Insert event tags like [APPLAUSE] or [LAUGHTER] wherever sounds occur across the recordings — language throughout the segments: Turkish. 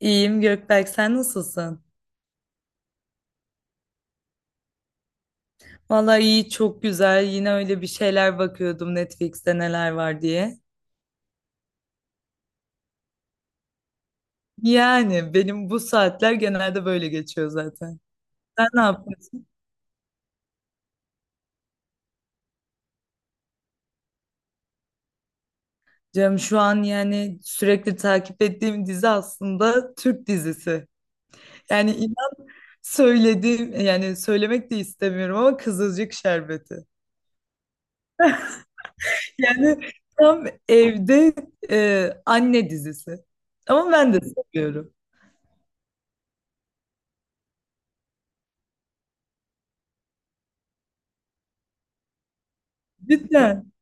İyiyim Gökberk, sen nasılsın? Vallahi iyi, çok güzel. Yine öyle bir şeyler bakıyordum Netflix'te neler var diye. Yani benim bu saatler genelde böyle geçiyor zaten. Sen ne yapıyorsun? Canım şu an yani sürekli takip ettiğim dizi aslında Türk dizisi. Yani inan söylediğim yani söylemek de istemiyorum ama Kızılcık Şerbeti. Yani tam evde anne dizisi. Ama ben de seviyorum. Cidden.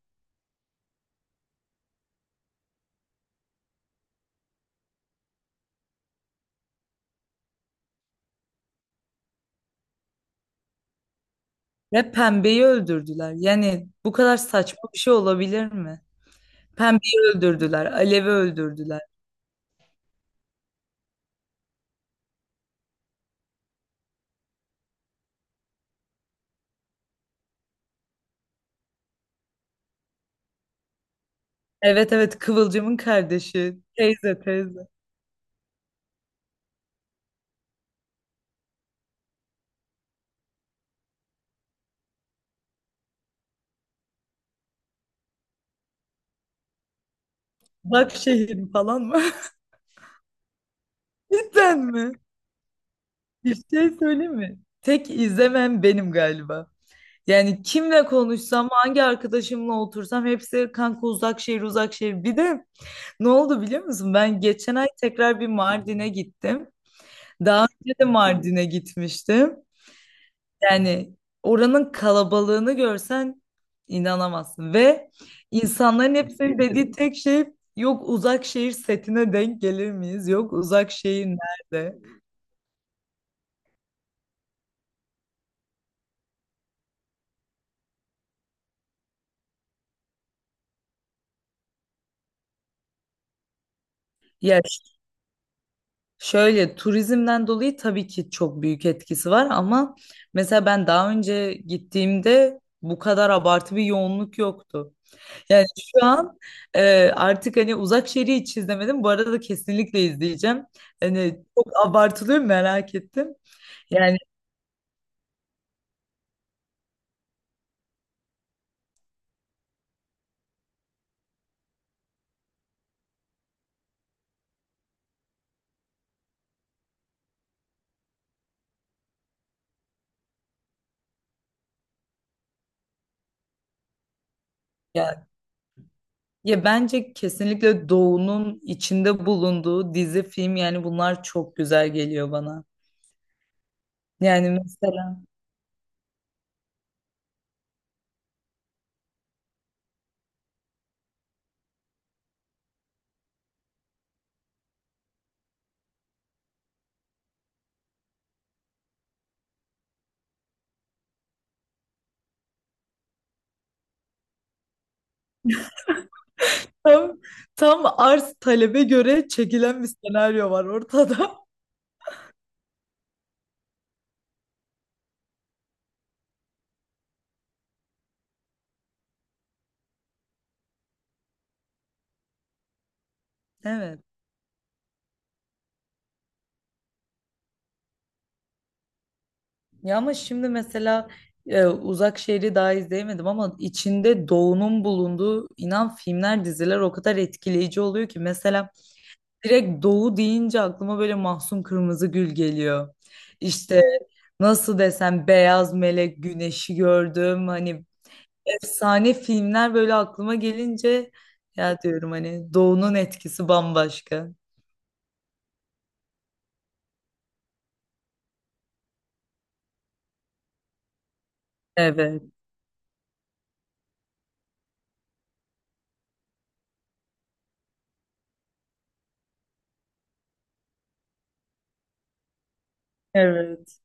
Ve pembeyi öldürdüler. Yani bu kadar saçma bir şey olabilir mi? Pembeyi öldürdüler. Alev'i öldürdüler. Evet evet Kıvılcım'ın kardeşi. Teyze teyze. Başşehir falan mı? [LAUGHS] Cidden mi? Bir şey söyleyeyim mi? Tek izlemem benim galiba. Yani kimle konuşsam, hangi arkadaşımla otursam hepsi kanka Uzakşehir Uzakşehir. Bir de Ne oldu biliyor musun? Ben geçen ay tekrar bir Mardin'e gittim. Daha önce de Mardin'e gitmiştim. Yani oranın kalabalığını görsen inanamazsın. Ve insanların hepsinin dediği tek şey yok Uzak Şehir setine denk gelir miyiz? Yok Uzak Şehir nerede? Ya şöyle turizmden dolayı tabii ki çok büyük etkisi var ama mesela ben daha önce gittiğimde bu kadar abartı bir yoğunluk yoktu. Yani şu an artık hani Uzak Şehir'i hiç izlemedim. Bu arada kesinlikle izleyeceğim. Hani çok abartılıyor mu merak ettim. Yani ya, ya bence kesinlikle Doğu'nun içinde bulunduğu dizi, film yani bunlar çok güzel geliyor bana. Yani mesela tam, tam arz talebe göre çekilen bir senaryo var ortada. [LAUGHS] Evet. Ya ama şimdi mesela Uzak Şehri daha izleyemedim ama içinde Doğu'nun bulunduğu inan filmler, diziler o kadar etkileyici oluyor ki mesela direkt Doğu deyince aklıma böyle Mahsun Kırmızıgül geliyor. İşte nasıl desem Beyaz Melek, Güneşi gördüm hani efsane filmler böyle aklıma gelince ya diyorum hani Doğu'nun etkisi bambaşka. Evet. Evet.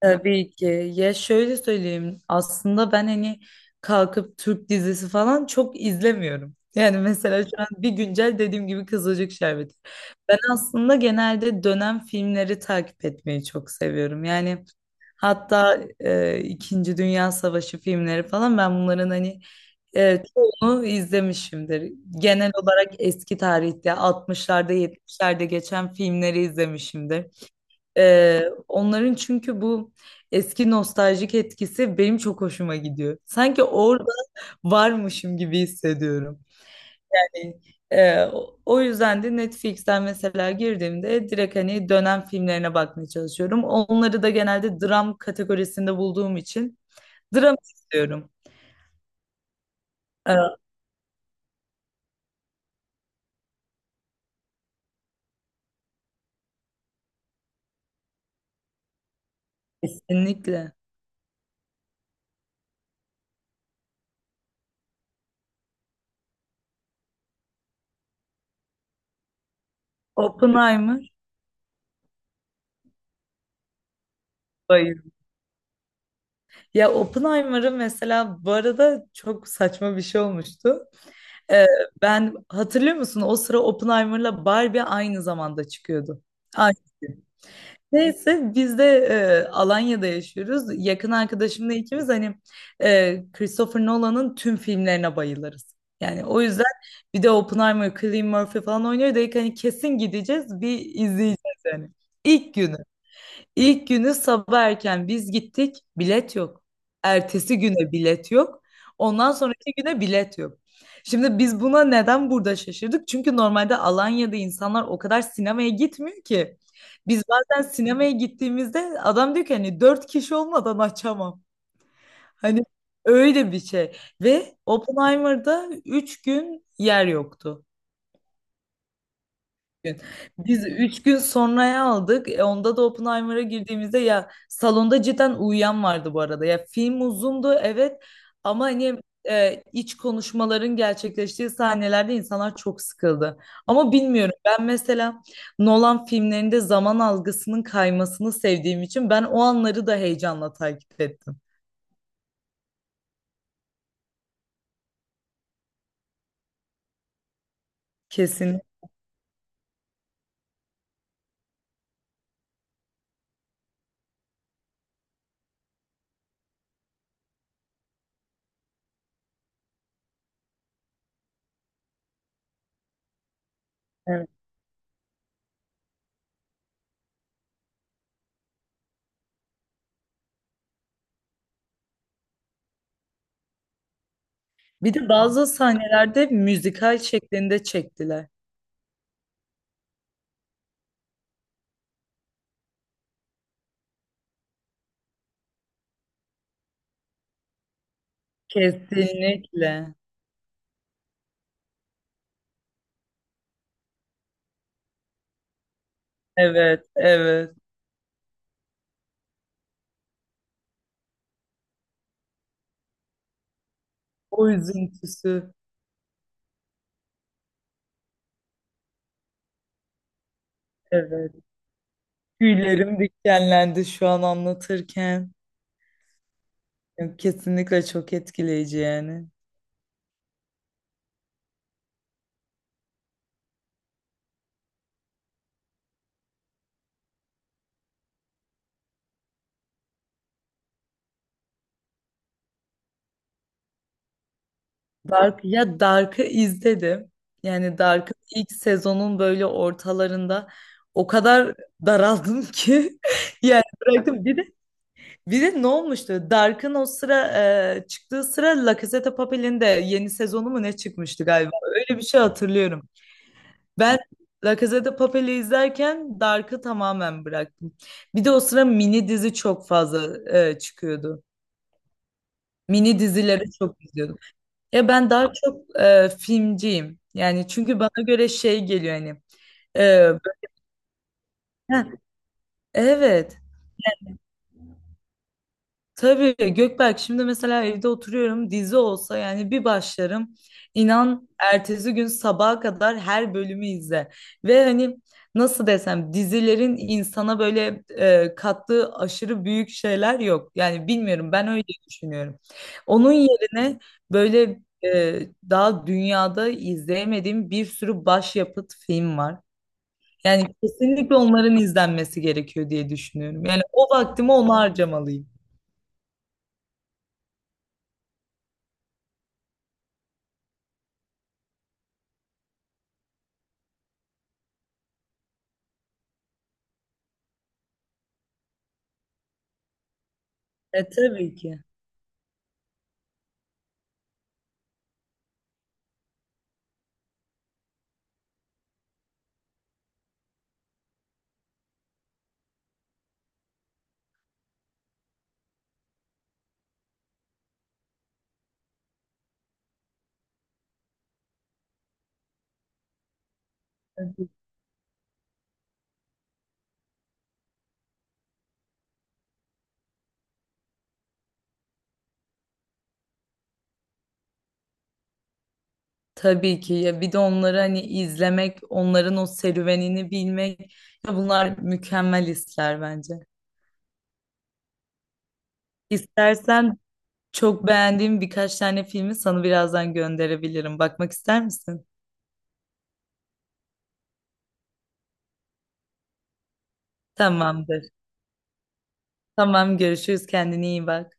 Tabii ki. Ya şöyle söyleyeyim. Aslında ben hani kalkıp Türk dizisi falan çok izlemiyorum. Yani mesela şu an bir güncel dediğim gibi Kızılcık Şerbeti. Ben aslında genelde dönem filmleri takip etmeyi çok seviyorum. Yani hatta İkinci Dünya Savaşı filmleri falan ben bunların hani çoğunu izlemişimdir. Genel olarak eski tarihte 60'larda 70'lerde geçen filmleri izlemişimdir. Onların çünkü bu eski nostaljik etkisi benim çok hoşuma gidiyor. Sanki orada varmışım gibi hissediyorum. Yani o yüzden de Netflix'ten mesela girdiğimde direkt hani dönem filmlerine bakmaya çalışıyorum. Onları da genelde dram kategorisinde bulduğum için dram istiyorum. Ee, kesinlikle. Oppenheimer. Hayır. Ya Oppenheimer'ı mesela bu arada çok saçma bir şey olmuştu. Ee, ben hatırlıyor musun? O sıra Oppenheimer'la Barbie aynı zamanda çıkıyordu. Aynı gün. Neyse biz de Alanya'da yaşıyoruz. Yakın arkadaşımla ikimiz hani Christopher Nolan'ın tüm filmlerine bayılırız. Yani o yüzden bir de Oppenheimer, Cillian Murphy falan oynuyor dedik hani kesin gideceğiz bir izleyeceğiz yani. İlk günü. İlk günü sabah erken biz gittik, bilet yok. Ertesi güne bilet yok. Ondan sonraki güne bilet yok. Şimdi biz buna neden burada şaşırdık? Çünkü normalde Alanya'da insanlar o kadar sinemaya gitmiyor ki. Biz bazen sinemaya gittiğimizde adam diyor ki hani 4 kişi olmadan açamam. Hani öyle bir şey. Ve Oppenheimer'da 3 gün yer yoktu gün. Biz 3 gün sonraya aldık. Onda da Oppenheimer'a girdiğimizde ya salonda cidden uyuyan vardı bu arada. Ya film uzundu evet ama hani iç konuşmaların gerçekleştiği sahnelerde insanlar çok sıkıldı. Ama bilmiyorum ben mesela Nolan filmlerinde zaman algısının kaymasını sevdiğim için ben o anları da heyecanla takip ettim. Kesin. Evet. Bir de bazı sahnelerde müzikal şeklinde çektiler. Kesinlikle. Evet, evet. O üzüntüsü. Evet. Tüylerim dikenlendi şu an anlatırken. Ya, kesinlikle çok etkileyici yani. Dark, ya Dark'ı izledim. Yani Dark'ın ilk sezonun böyle ortalarında o kadar daraldım ki [LAUGHS] yani bıraktım. Bir de ne olmuştu? Dark'ın o sıra çıktığı sıra La Casa de Papel'in de yeni sezonu mu ne çıkmıştı galiba? Öyle bir şey hatırlıyorum. Ben La Casa de Papel'i izlerken Dark'ı tamamen bıraktım. Bir de o sıra mini dizi çok fazla çıkıyordu. Mini dizileri çok izliyordum. Ya ben daha çok filmciyim. Yani çünkü bana göre şey geliyor hani. e, ben- evet. Tabii Gökberk şimdi mesela evde oturuyorum dizi olsa yani bir başlarım inan ertesi gün sabaha kadar her bölümü izle ve hani nasıl desem dizilerin insana böyle kattığı aşırı büyük şeyler yok yani bilmiyorum ben öyle düşünüyorum. Onun yerine böyle e, daha dünyada izleyemediğim bir sürü başyapıt film var. Yani kesinlikle onların izlenmesi gerekiyor diye düşünüyorum. Yani o vaktimi ona harcamalıyım. E tabii ki. Tabii ki ya bir de onları hani izlemek, onların o serüvenini bilmek ya bunlar mükemmel hisler bence. İstersen çok beğendiğim birkaç tane filmi sana birazdan gönderebilirim. Bakmak ister misin? Tamamdır. Tamam görüşürüz kendine iyi bak.